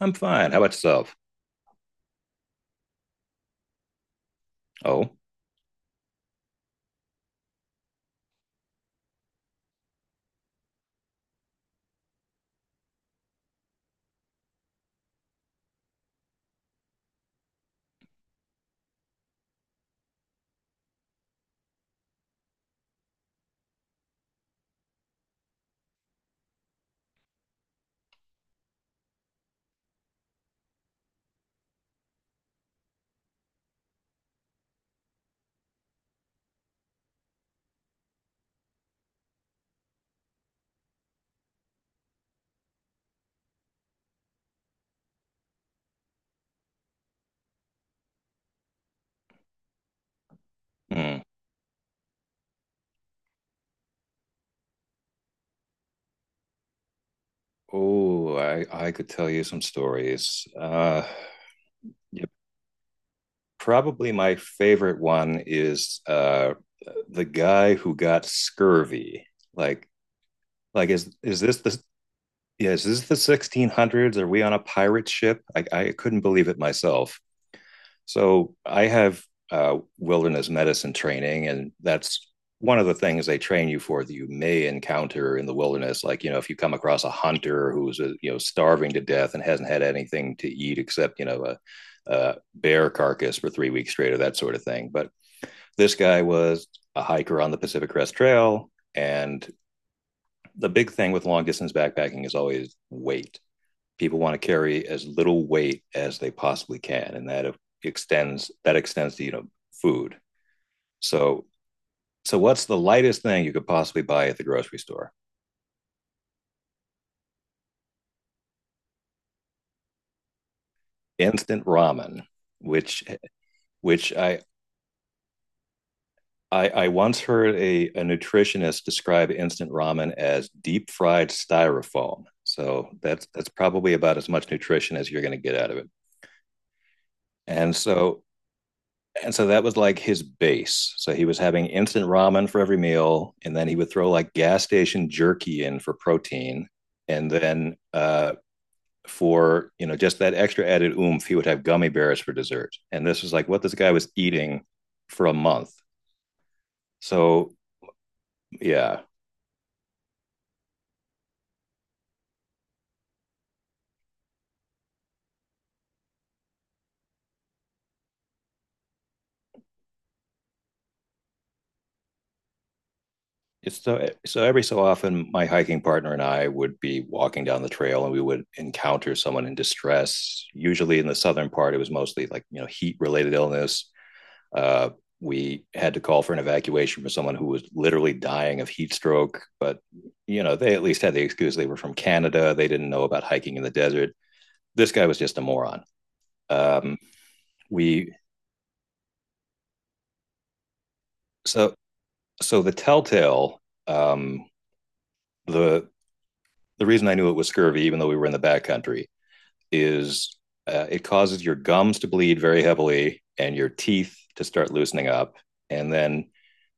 I'm fine. How about yourself? Oh, hmm. Oh, I could tell you some stories. Yeah, probably my favorite one is the guy who got scurvy. Like, like is this the yeah, is this the 1600s? Are we on a pirate ship? I couldn't believe it myself. So I have wilderness medicine training, and that's one of the things they train you for that you may encounter in the wilderness. Like, if you come across a hunter who's, starving to death and hasn't had anything to eat except, a bear carcass for 3 weeks straight, or that sort of thing. But this guy was a hiker on the Pacific Crest Trail. And the big thing with long distance backpacking is always weight. People want to carry as little weight as they possibly can, and that extends to food. So so what's the lightest thing you could possibly buy at the grocery store? Instant ramen, which which I once heard a nutritionist describe instant ramen as deep fried styrofoam. So that's probably about as much nutrition as you're going to get out of it. And so And so that was like his base. So he was having instant ramen for every meal, and then he would throw like gas station jerky in for protein, and then for just that extra added oomph, he would have gummy bears for dessert. And this was like what this guy was eating for a month. So yeah, it's so so every so often my hiking partner and I would be walking down the trail and we would encounter someone in distress. Usually in the southern part, it was mostly like heat related illness. Uh, we had to call for an evacuation for someone who was literally dying of heat stroke. But, they at least had the excuse they were from Canada. They didn't know about hiking in the desert. This guy was just a moron. Um, we, so, so, the telltale, um, the, the reason I knew it was scurvy, even though we were in the backcountry, is it causes your gums to bleed very heavily and your teeth to start loosening up. And then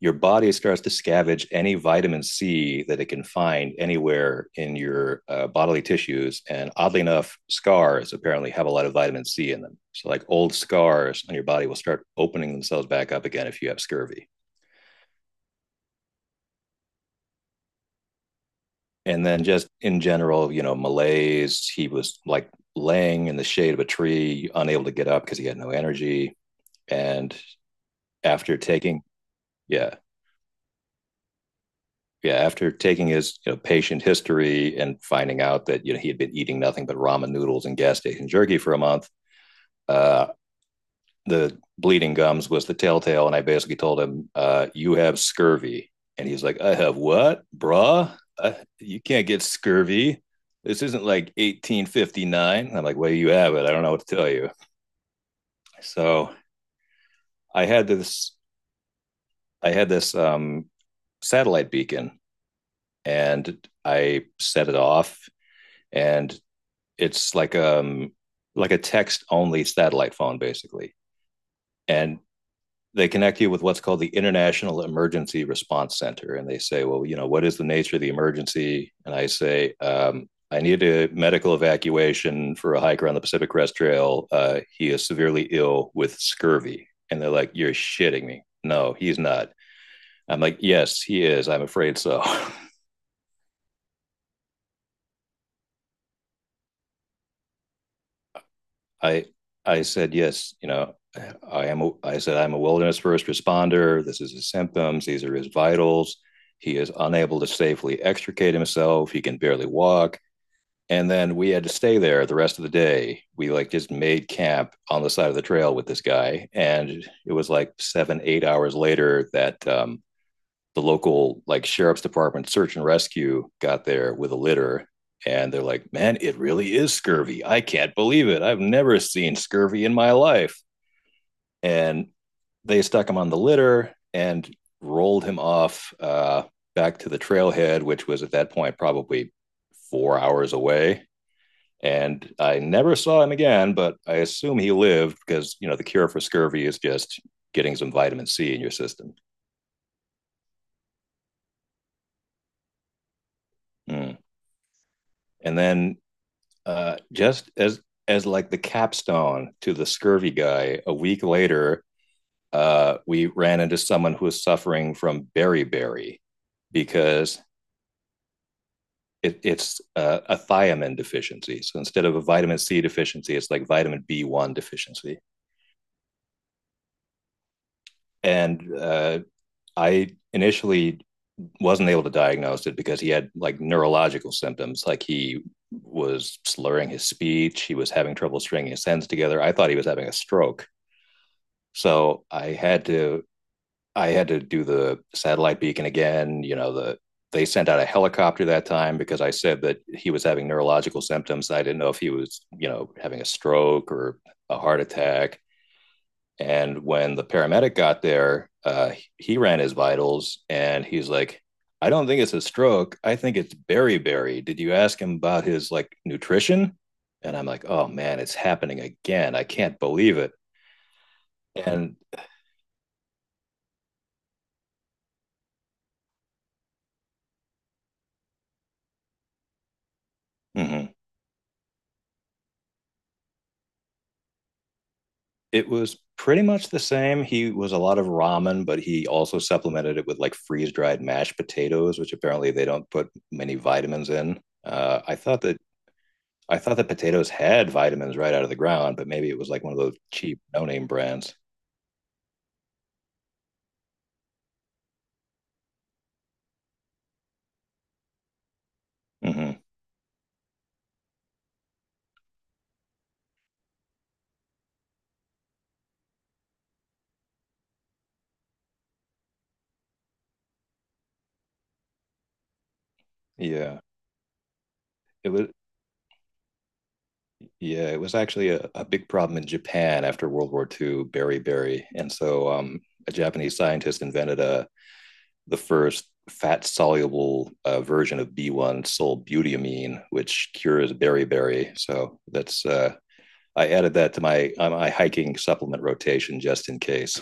your body starts to scavenge any vitamin C that it can find anywhere in your bodily tissues. And oddly enough, scars apparently have a lot of vitamin C in them. So, like, old scars on your body will start opening themselves back up again if you have scurvy. And then, just in general, malaise. He was like laying in the shade of a tree, unable to get up because he had no energy. And after taking yeah yeah after taking his, patient history and finding out that he had been eating nothing but ramen noodles and gas station jerky for a month, uh, the bleeding gums was the telltale, and I basically told him, "You have scurvy." And he's like, "I have what, bruh? uh, you can't get scurvy. This isn't like 1859." I'm like, "Well, you have it. I don't know what to tell you." So i had this I had this satellite beacon, and I set it off. And it's like, like a text only satellite phone basically. And they connect you with what's called the International Emergency Response Center, and they say, "Well, what is the nature of the emergency?" And I say, "I need a medical evacuation for a hiker on the Pacific Crest Trail. He is severely ill with scurvy." And they're like, "You're shitting me. No, he's not." I'm like, "Yes, he is, I'm afraid so." I I said, "Yes." You know, I am. A, I said, "I'm a wilderness first responder. This is his symptoms. These are his vitals. He is unable to safely extricate himself. He can barely walk." And then we had to stay there the rest of the day. We like just made camp on the side of the trail with this guy, and it was like 7, 8 hours later that the local like sheriff's department search and rescue got there with a litter. And they're like, "Man, it really is scurvy. I can't believe it. I've never seen scurvy in my life." And they stuck him on the litter and rolled him off, back to the trailhead, which was at that point probably 4 hours away. And I never saw him again, but I assume he lived, because the cure for scurvy is just getting some vitamin C in your system. Mm. And then just as, like, the capstone to the scurvy guy, a week later, we ran into someone who was suffering from beriberi. Because it's a thiamine deficiency. So instead of a vitamin C deficiency, it's like vitamin B1 deficiency. And I initially wasn't able to diagnose it because he had like neurological symptoms. Like, he was slurring his speech, he was having trouble stringing his sentences together. I thought he was having a stroke. So I had to I had to do the satellite beacon again. You know, they sent out a helicopter that time because I said that he was having neurological symptoms. I didn't know if he was, having a stroke or a heart attack. And when the paramedic got there, he ran his vitals and he's like, "I don't think it's a stroke. I think it's beriberi. Did you ask him about his like nutrition?" And I'm like, "Oh man, it's happening again. I can't believe it." And mm-hmm. It was pretty much the same. He was a lot of ramen, but he also supplemented it with like freeze dried mashed potatoes, which apparently they don't put many vitamins in. I thought that potatoes had vitamins right out of the ground, but maybe it was like one of those cheap no name brands. Hmm. Yeah, it was. Yeah, it was actually a big problem in Japan after World War II, berry berry, and so a Japanese scientist invented a the first fat soluble version of B1 solbutamine, which cures beriberi. So that's I added that to my my hiking supplement rotation just in case.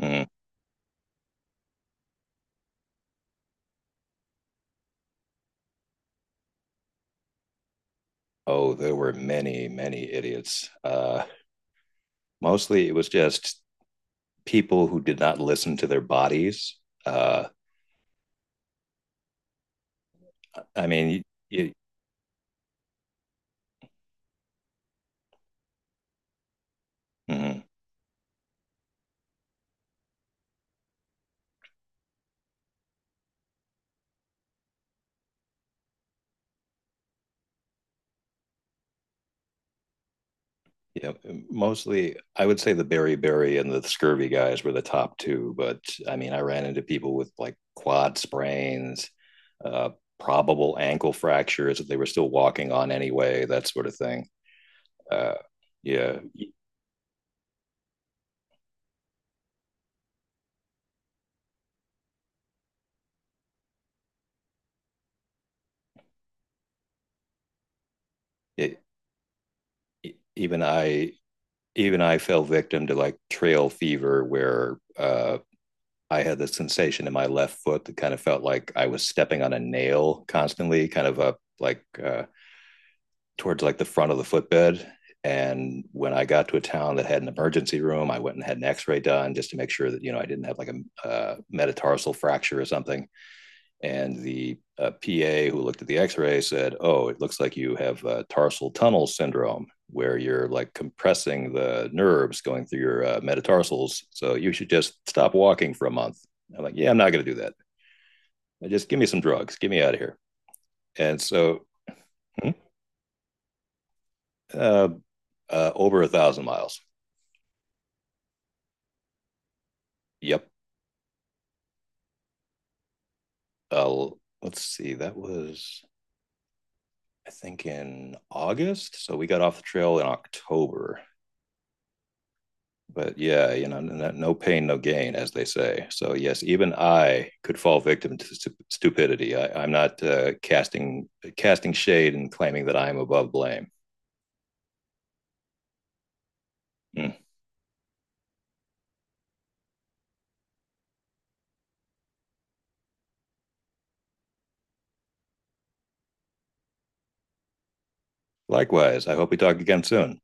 Mm. Oh, there were many idiots. Mostly it was just people who did not listen to their bodies. Uh, I mean, it, mm. Yeah, mostly I would say the beriberi and the scurvy guys were the top two, but I mean, I ran into people with like quad sprains, uh, probable ankle fractures that they were still walking on anyway, that sort of thing. Uh, yeah, it, it- even I even I fell victim to like trail fever, where I had the sensation in my left foot that kind of felt like I was stepping on a nail constantly, kind of a like. Towards like the front of the footbed. And when I got to a town that had an emergency room, I went and had an X-ray done just to make sure that I didn't have like a metatarsal fracture or something. And the PA who looked at the X-ray said, "Oh, it looks like you have tarsal tunnel syndrome, where you're like compressing the nerves going through your metatarsals. So you should just stop walking for a month." I'm like, "Yeah, I'm not going to do that. Just give me some drugs. Get me out of here." And so, hmm, uh, over 1,000 miles. Yep. uh, let's see, that was I think in August. So we got off the trail in October. But yeah, no pain, no gain, as they say. So yes, even I could fall victim to stupidity. I'm not casting shade and claiming that I am above blame. Mm. Likewise, I hope we talk again soon.